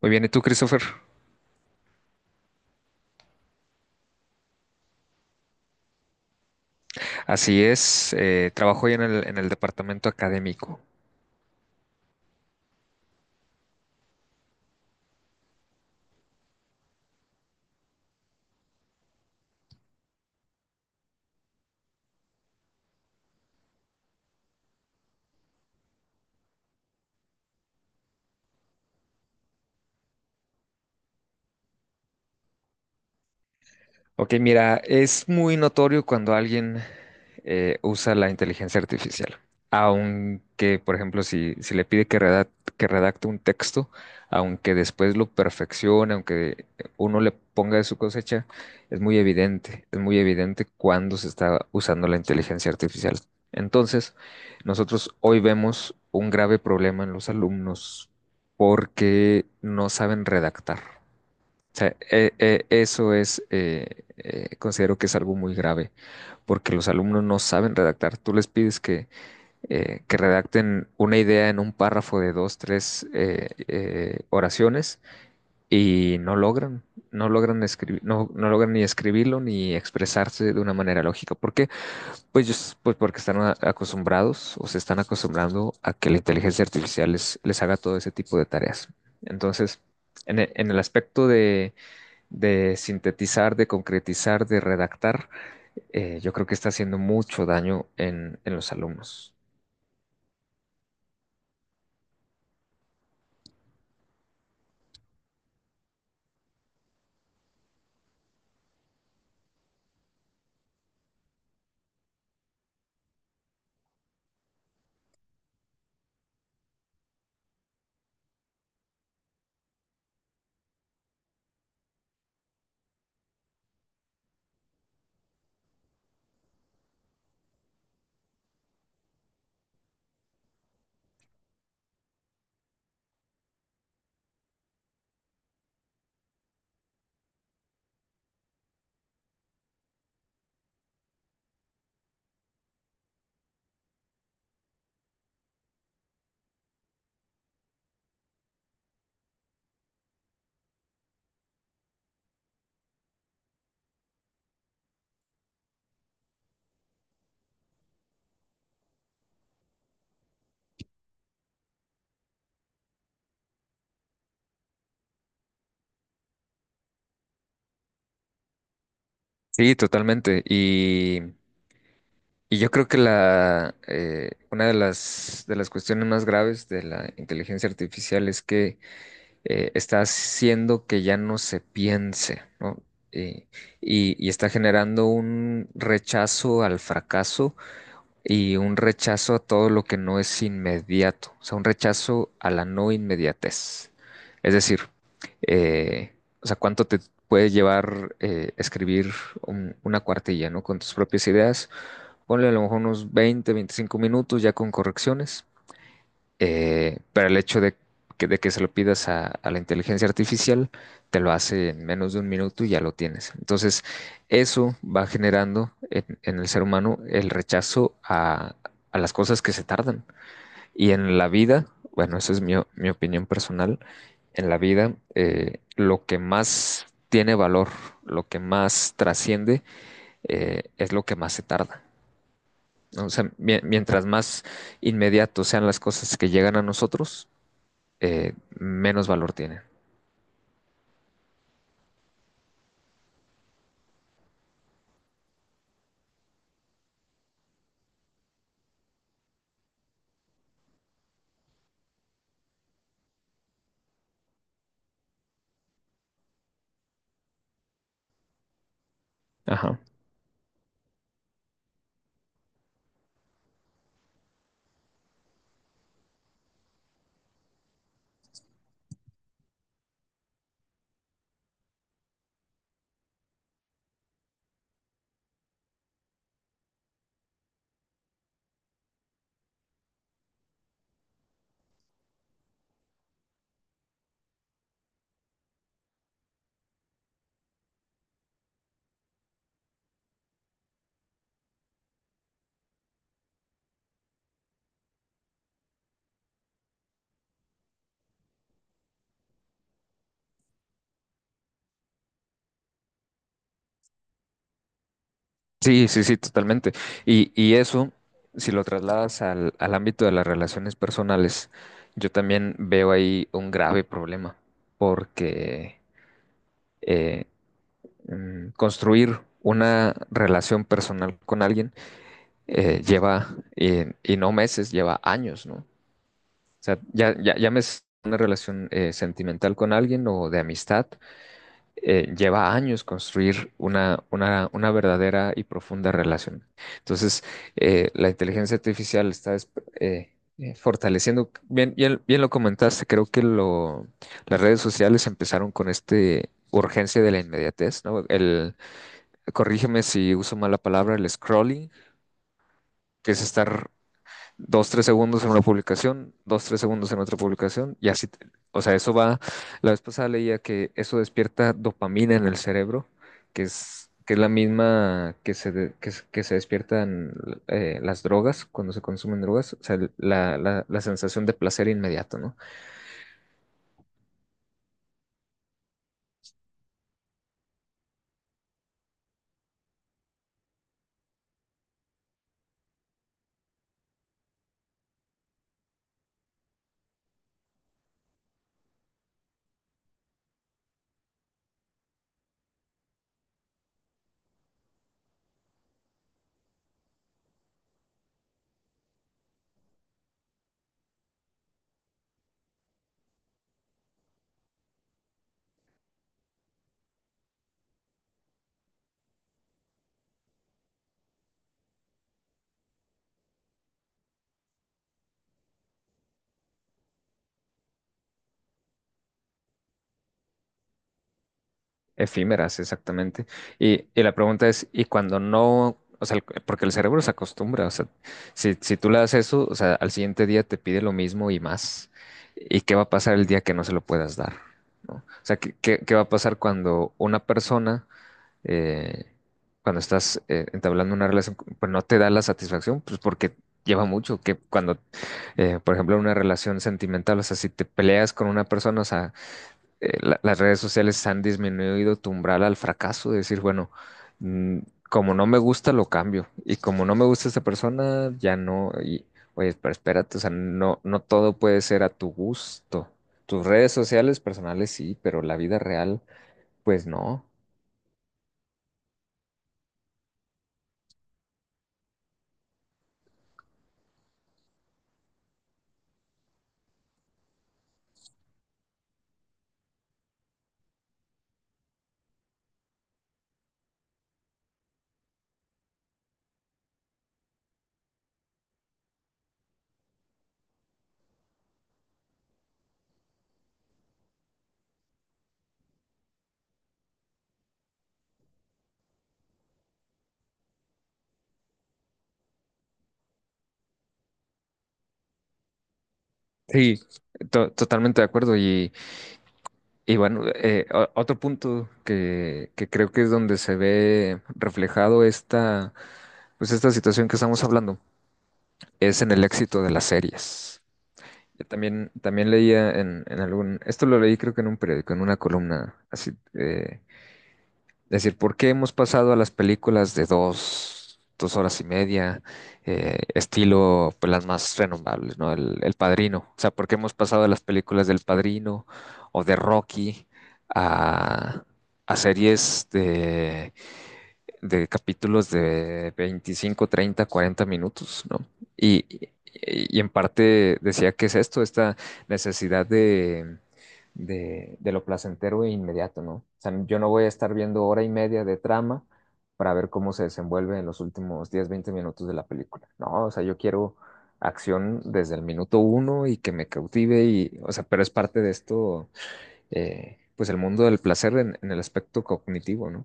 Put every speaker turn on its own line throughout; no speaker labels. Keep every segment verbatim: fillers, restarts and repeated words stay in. Muy bien, ¿y tú, Christopher? Así es, eh, trabajo hoy en el, en el departamento académico. Ok, mira, es muy notorio cuando alguien eh, usa la inteligencia artificial. Aunque, por ejemplo, si, si le pide que redac- que redacte un texto, aunque después lo perfeccione, aunque uno le ponga de su cosecha, es muy evidente, es muy evidente cuando se está usando la inteligencia artificial. Entonces, nosotros hoy vemos un grave problema en los alumnos porque no saben redactar. O sea, e- e- eso es, eh, eh, considero que es algo muy grave, porque los alumnos no saben redactar. Tú les pides que, eh, que redacten una idea en un párrafo de dos, tres eh, eh, oraciones y no logran, no logran, escribir, no, no logran ni escribirlo ni expresarse de una manera lógica. ¿Por qué? Pues, ellos- pues porque están a- acostumbrados o se están acostumbrando a que la inteligencia artificial les, les haga todo ese tipo de tareas. Entonces, en e- en el aspecto de de sintetizar, de concretizar, de redactar, eh, yo creo que está haciendo mucho daño en, en los alumnos. Sí, totalmente. Y, y yo creo que la, eh, una de las, de las cuestiones más graves de la inteligencia artificial es que eh, está haciendo que ya no se piense, ¿no? Y, y- y está generando un rechazo al fracaso y un rechazo a todo lo que no es inmediato, o sea, un rechazo a la no inmediatez. Es decir, eh, o sea, cuánto te puede llevar eh, escribir un- una cuartilla, ¿no? Con tus propias ideas. Ponle a lo mejor unos veinte veinticinco minutos ya con correcciones, eh, pero el hecho de que, de que se lo pidas a, a la inteligencia artificial, te lo hace en menos de un minuto y ya lo tienes. Entonces, eso va generando en, en el ser humano el rechazo a, a las cosas que se tardan. Y en la vida, bueno, eso es mi, o- mi opinión personal, en la vida eh, lo que más tiene valor, lo que más trasciende, eh, es lo que más se tarda. ¿No? O sea, mie- mientras más inmediatos sean las cosas que llegan a nosotros, eh, menos valor tienen. Ajá. Sí, sí, sí, totalmente. Y, y eso, si lo trasladas al, al ámbito de las relaciones personales, yo también veo ahí un grave problema, porque eh, mm, construir una relación personal con alguien eh, lleva, eh, y no meses, lleva años, ¿no? O sea, ya, ya, ya me es una relación eh, sentimental con alguien o de amistad, eh, lleva años construir una, una, una verdadera y profunda relación. Entonces, eh, la inteligencia artificial está es- eh, eh, fortaleciendo, bien, bien, bien lo comentaste, creo que lo, las redes sociales empezaron con este... urgencia de la inmediatez, ¿no? El, corrígeme si uso mal la palabra, el scrolling, que es estar dos, tres segundos en una publicación, dos, tres segundos en otra publicación, y así, te- o sea, eso va, la vez pasada leía que eso despierta dopamina en el cerebro, que es, que es la misma que se, de- que, se que se despiertan eh, las drogas cuando se consumen drogas, o sea, el- la, la, la sensación de placer inmediato, ¿no? Efímeras, exactamente. Y, y la pregunta es, ¿y cuando no, o sea, el- porque el cerebro se acostumbra, o sea, si, si tú le das eso, o sea, al siguiente día te pide lo mismo y más? ¿Y qué va a pasar el día que no se lo puedas dar? ¿No? O sea, ¿qué, qué- qué va a pasar cuando una persona, eh, cuando estás eh, entablando una relación, pues no te da la satisfacción, pues porque lleva mucho, que cuando eh, por ejemplo, una relación sentimental, o sea, si te peleas con una persona, o sea, eh, la- las redes sociales han disminuido tu umbral al fracaso, de decir, bueno, mm, como no me gusta, lo cambio. Y como no me gusta esta persona, ya no. Y, oye, pero espérate, o sea, no, no todo puede ser a tu gusto. Tus redes sociales personales sí, pero la vida real, pues no. Sí, to- totalmente de acuerdo. Y, y bueno, eh, o- otro punto que, que creo que es donde se ve reflejado esta, pues esta situación que estamos hablando es en el éxito de las series. Yo también, también leía en, en algún, esto lo leí creo que en un periódico, en una columna, así, eh, es decir, ¿por qué hemos pasado a las películas de dos, dos horas y media, eh, estilo pues, las más renombrables, ¿no? El, El Padrino. O sea, ¿por qué hemos pasado a las películas del Padrino o de Rocky a, a series de, de capítulos de veinticinco treinta cuarenta minutos, ¿no? Y, y y en parte decía que es esto, esta necesidad de de, de lo placentero e inmediato, ¿no? O sea, yo no voy a estar viendo hora y media de trama para ver cómo se desenvuelve en los últimos diez, veinte minutos de la película. No, o sea, yo quiero acción desde el minuto uno y que me cautive, y, o sea, pero es parte de esto, eh, pues el mundo del placer en, en el aspecto cognitivo, ¿no?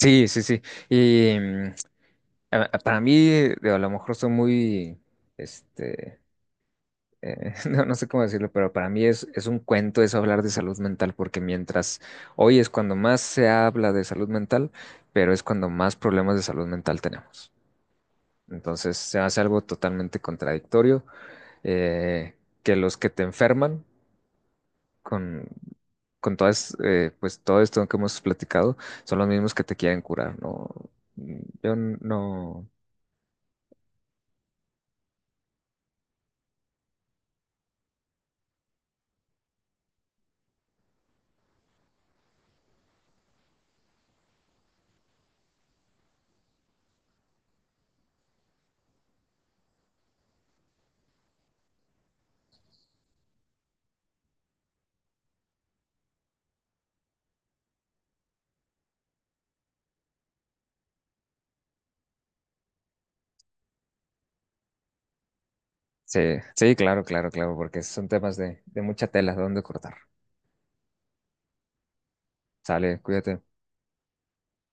Sí, sí, sí. Y mm, a- a- para mí, digo, a lo mejor soy muy, este, eh, no, no sé cómo decirlo, pero para mí es, es un cuento eso hablar de salud mental, porque mientras hoy es cuando más se habla de salud mental, pero es cuando más problemas de salud mental tenemos. Entonces se hace algo totalmente contradictorio, eh, que los que te enferman con, con todas, eh, pues todo esto que hemos platicado, son los mismos que te quieren curar, ¿no? Yo no. Sí, sí, claro, claro, claro, porque son temas de, de mucha tela, de dónde cortar. Sale, cuídate.